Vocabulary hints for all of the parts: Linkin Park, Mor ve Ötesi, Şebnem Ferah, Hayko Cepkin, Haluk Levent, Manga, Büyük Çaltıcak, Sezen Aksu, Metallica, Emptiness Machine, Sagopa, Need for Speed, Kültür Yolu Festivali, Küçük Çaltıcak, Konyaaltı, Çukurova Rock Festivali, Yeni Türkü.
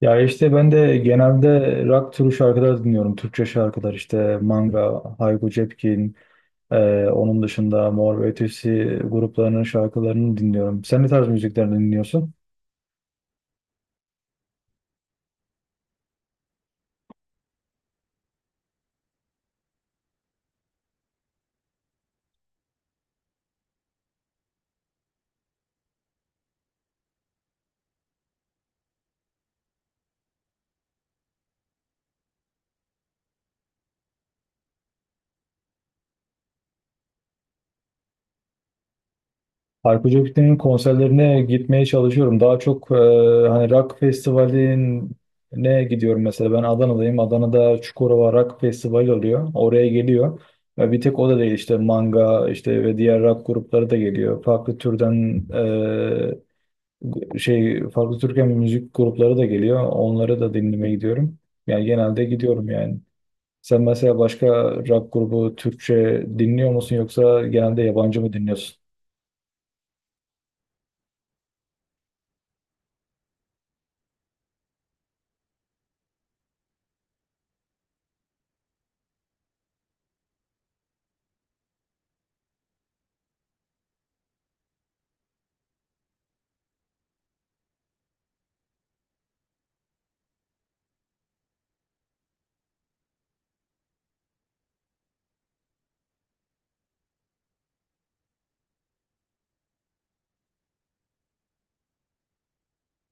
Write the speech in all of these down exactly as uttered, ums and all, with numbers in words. Ya işte ben de genelde rock türü şarkılar dinliyorum. Türkçe şarkılar işte Manga, Hayko Cepkin, e, onun dışında Mor ve Ötesi gruplarının şarkılarını dinliyorum. Sen ne tarz müziklerini dinliyorsun? Hayko Cepkin'in konserlerine gitmeye çalışıyorum. Daha çok e, hani rock festivaline gidiyorum mesela. Ben Adana'dayım. Adana'da Çukurova Rock Festivali oluyor. Oraya geliyor. Ve bir tek o da değil işte Manga işte ve diğer rock grupları da geliyor. Farklı türden e, şey farklı Türkçe müzik grupları da geliyor. Onları da dinlemeye gidiyorum. Yani genelde gidiyorum yani. Sen mesela başka rock grubu Türkçe dinliyor musun yoksa genelde yabancı mı dinliyorsun?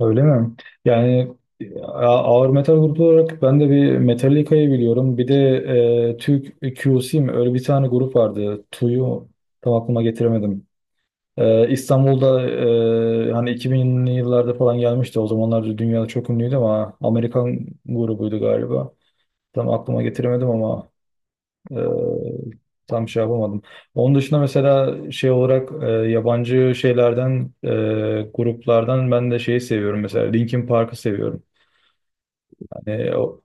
Öyle mi? Yani a- ağır metal grubu olarak ben de bir Metallica'yı biliyorum. Bir de e, Türk Q C mi? Öyle bir tane grup vardı. Tu'yu tam aklıma getiremedim. Ee, İstanbul'da e, hani iki binli yıllarda falan gelmişti. O zamanlar dünyada çok ünlüydü ama Amerikan grubuydu galiba. Tam aklıma getiremedim ama e, tam şey yapamadım. Onun dışında mesela şey olarak e, yabancı şeylerden e, gruplardan ben de şeyi seviyorum. Mesela Linkin Park'ı seviyorum. Hani o,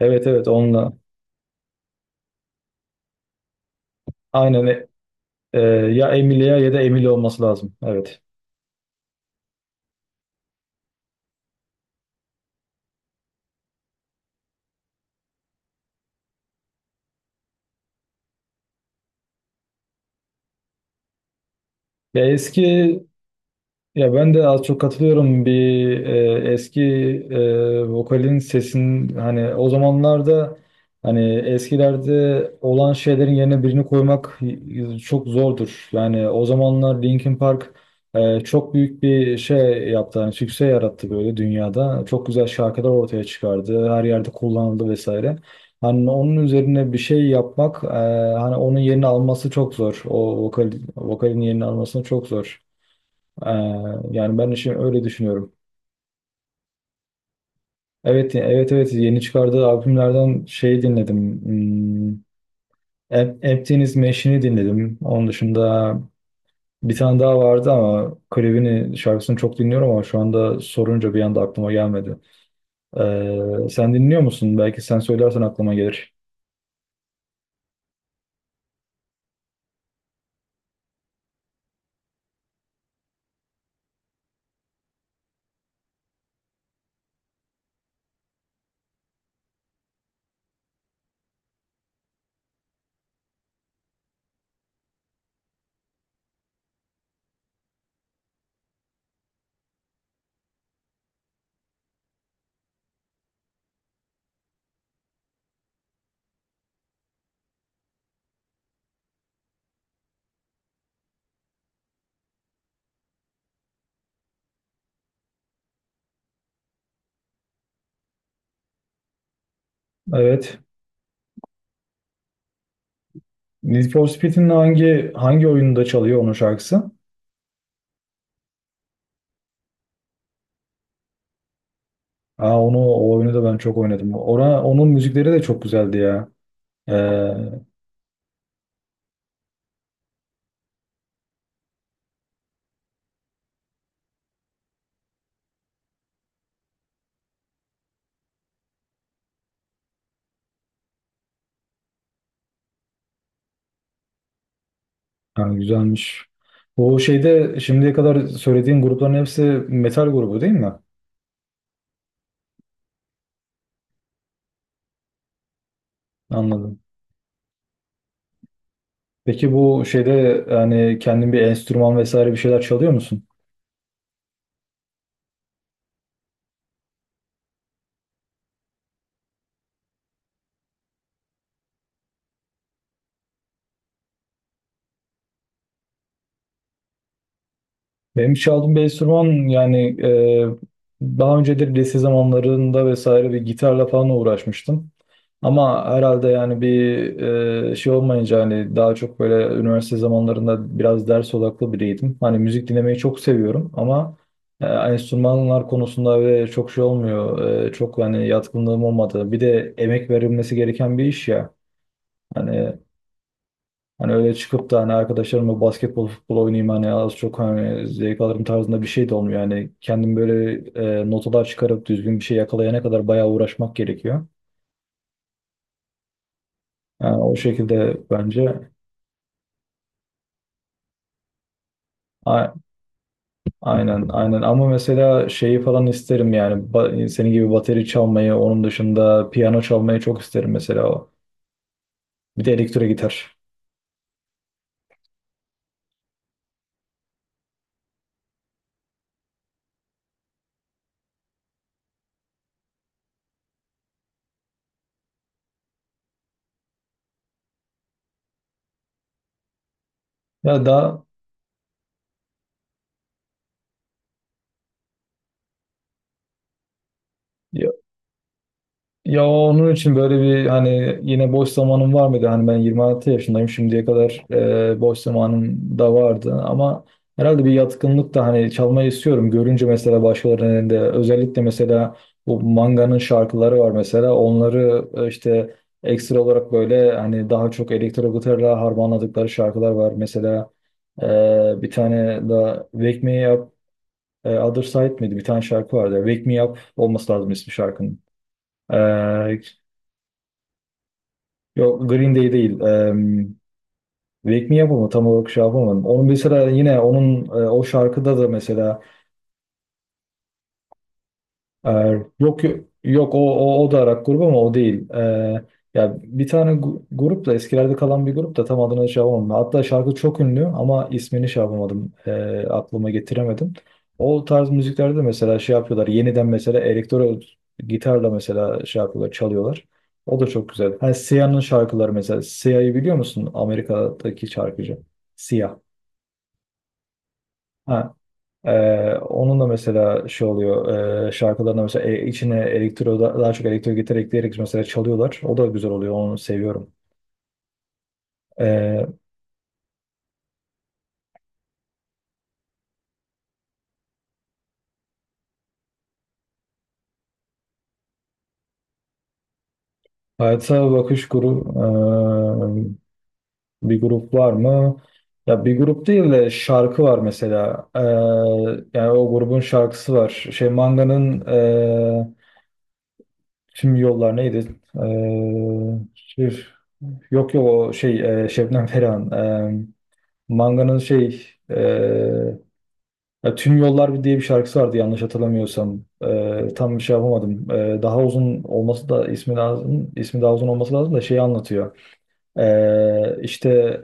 evet evet onunla. Aynen e, Ee, ya Emilia ya da Emily olması lazım. Evet. Ya eski. Ya ben de az çok katılıyorum bir e, eski e, vokalin sesin hani o zamanlarda hani eskilerde olan şeylerin yerine birini koymak y- çok zordur. Yani o zamanlar Linkin Park e, çok büyük bir şey yaptı. Hani sükse yarattı böyle dünyada. Çok güzel şarkılar ortaya çıkardı. Her yerde kullanıldı vesaire. Hani onun üzerine bir şey yapmak e, hani onun yerini alması çok zor. O vokal, vokalin yerini alması çok zor. Ee, yani ben şimdi öyle düşünüyorum. Evet, evet, evet. Yeni çıkardığı albümlerden şey dinledim. Hmm, Em- Emptiness Machine'i dinledim. Onun dışında bir tane daha vardı ama klibini, şarkısını çok dinliyorum ama şu anda sorunca bir anda aklıma gelmedi. Ee, sen dinliyor musun? Belki sen söylersen aklıma gelir. Evet. Need for Speed'in hangi hangi oyununda çalıyor onun şarkısı? Aa, onu o oyunu da ben çok oynadım. Ora, onun müzikleri de çok güzeldi ya. Ee, Yani güzelmiş. O şeyde şimdiye kadar söylediğin grupların hepsi metal grubu değil mi? Anladım. Peki bu şeyde yani kendin bir enstrüman vesaire bir şeyler çalıyor musun? Benim çaldığım bir enstrüman yani e, daha önceleri lise zamanlarında vesaire bir gitarla falan uğraşmıştım. Ama herhalde yani bir e, şey olmayınca hani daha çok böyle üniversite zamanlarında biraz ders odaklı biriydim. Hani müzik dinlemeyi çok seviyorum ama e, hani enstrümanlar konusunda ve çok şey olmuyor. E, çok hani yatkınlığım olmadı. Bir de emek verilmesi gereken bir iş ya. Hani hani öyle çıkıp da hani arkadaşlarımla basketbol, futbol oynayayım hani az çok hani zevk alırım tarzında bir şey de olmuyor. Yani kendim böyle e, notalar çıkarıp düzgün bir şey yakalayana kadar bayağı uğraşmak gerekiyor. Yani o şekilde bence. A- Aynen, aynen. Ama mesela şeyi falan isterim yani. Ba- senin gibi bateri çalmayı, onun dışında piyano çalmayı çok isterim mesela. Bir de elektro gitar. Ya da Ya onun için böyle bir hani yine boş zamanım var mıydı? Hani ben yirmi altı yaşındayım şimdiye kadar e, boş zamanım da vardı ama herhalde bir yatkınlık da hani çalmayı istiyorum. Görünce mesela başkalarının elinde özellikle mesela bu Manga'nın şarkıları var mesela onları e, işte ekstra olarak böyle hani daha çok elektro gitarla harmanladıkları şarkılar var. Mesela e, bir tane da Wake Me Up e, Other Side miydi? Bir tane şarkı vardı. Wake Me Up olması lazım ismi şarkının. E, Yok Green Day değil. Em, Wake Me Up mı, tam olarak şey yapamadım. Onun mesela yine onun e, o şarkıda da mesela. Ee, yok yok o, o, o da Arak grubu ama o değil. Ee, ya bir tane gu- grup da eskilerde kalan bir grup da tam adını şey yapamadım. Hatta şarkı çok ünlü ama ismini şey yapamadım. ee, aklıma getiremedim. O tarz müziklerde mesela şey yapıyorlar. Yeniden mesela elektro gitarla mesela şey yapıyorlar, çalıyorlar. O da çok güzel. Hani Siyah'ın şarkıları mesela. Siyah'ı biliyor musun? Amerika'daki şarkıcı. Siyah. Ee, onun da mesela şey oluyor, e, şarkılarında mesela e, içine elektro da- daha çok elektro gitar ekleyerek mesela çalıyorlar. O da güzel oluyor. Onu seviyorum. Ee, Hayata bakış grup, e, bir grup var mı? Ya bir grup değil de şarkı var mesela. Ee, yani o grubun şarkısı var. Şey Manga'nın e, tüm yollar neydi? Ee, şey- yok yok o şey e, Şebnem Ferah'ın, e, Manga'nın şey, e, ya, Tüm Yollar Bir diye bir şarkısı vardı yanlış hatırlamıyorsam. Ee, tam bir şey yapamadım. Ee, daha uzun olması da ismi lazım. İsmi daha uzun olması lazım da şeyi anlatıyor. Ee, işte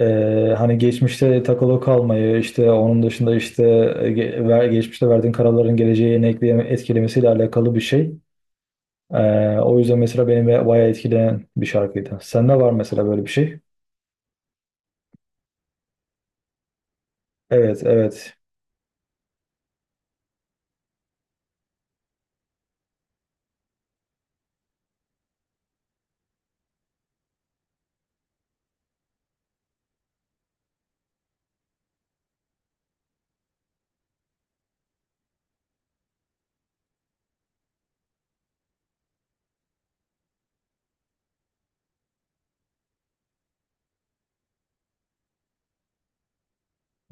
e, hani geçmişte takılı kalmayı, işte onun dışında işte e, ge- ver- geçmişte verdiğin kararların geleceğe ne ekleyeme- etkilemesiyle alakalı bir şey. Ee, o yüzden mesela beni be- bayağı etkileyen bir şarkıydı. Sende var mesela böyle bir şey. Evet, evet.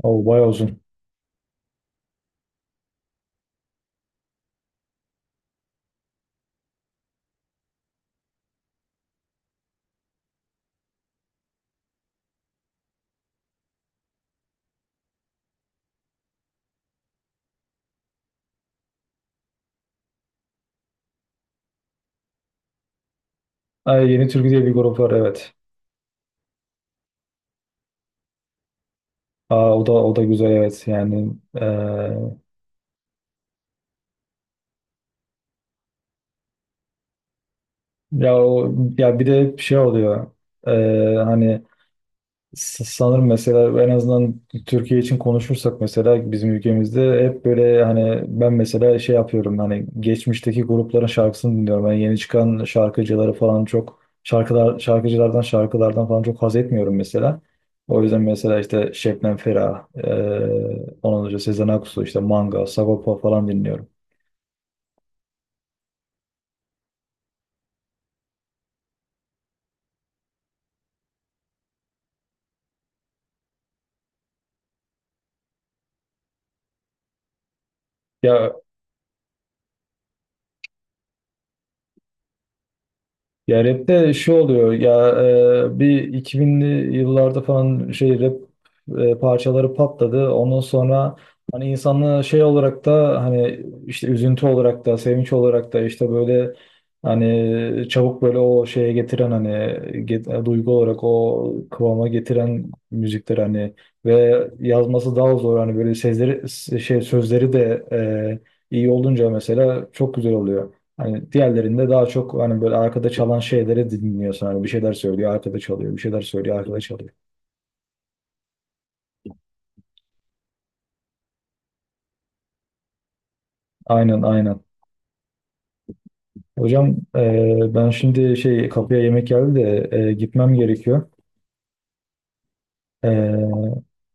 O bayağı uzun. Ay, Yeni Türkü diye bir grup var, evet. Aa, o da o da güzel evet yani. Ee, ya o ya bir de şey oluyor. Ee, hani s- sanırım mesela en azından Türkiye için konuşursak mesela bizim ülkemizde hep böyle hani ben mesela şey yapıyorum hani geçmişteki grupların şarkısını dinliyorum, ben yeni çıkan şarkıcıları falan çok şarkılar şarkıcılardan şarkılardan falan çok haz etmiyorum mesela, o yüzden mesela işte Şebnem Ferah, ee, ondan önce Sezen Aksu işte Manga Sagopa falan dinliyorum. Ya Ya rapte şu oluyor ya, e, bir iki binli yıllarda falan şey rap e, parçaları patladı. Ondan sonra hani insanlığı şey olarak da hani işte üzüntü olarak da sevinç olarak da işte böyle hani çabuk böyle o şeye getiren hani get- e, duygu olarak o kıvama getiren müzikler hani ve yazması daha zor hani böyle sözleri şey sözleri de e, iyi olunca mesela çok güzel oluyor. Hani diğerlerinde daha çok hani böyle arkada çalan şeyleri dinliyorsun. Hani bir şeyler söylüyor, arkada çalıyor, bir şeyler söylüyor, arkada çalıyor. Aynen aynen. Hocam e, ben şimdi şey kapıya yemek geldi de e, gitmem gerekiyor. E,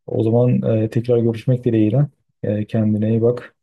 o zaman e, tekrar görüşmek dileğiyle. E, kendine iyi bak.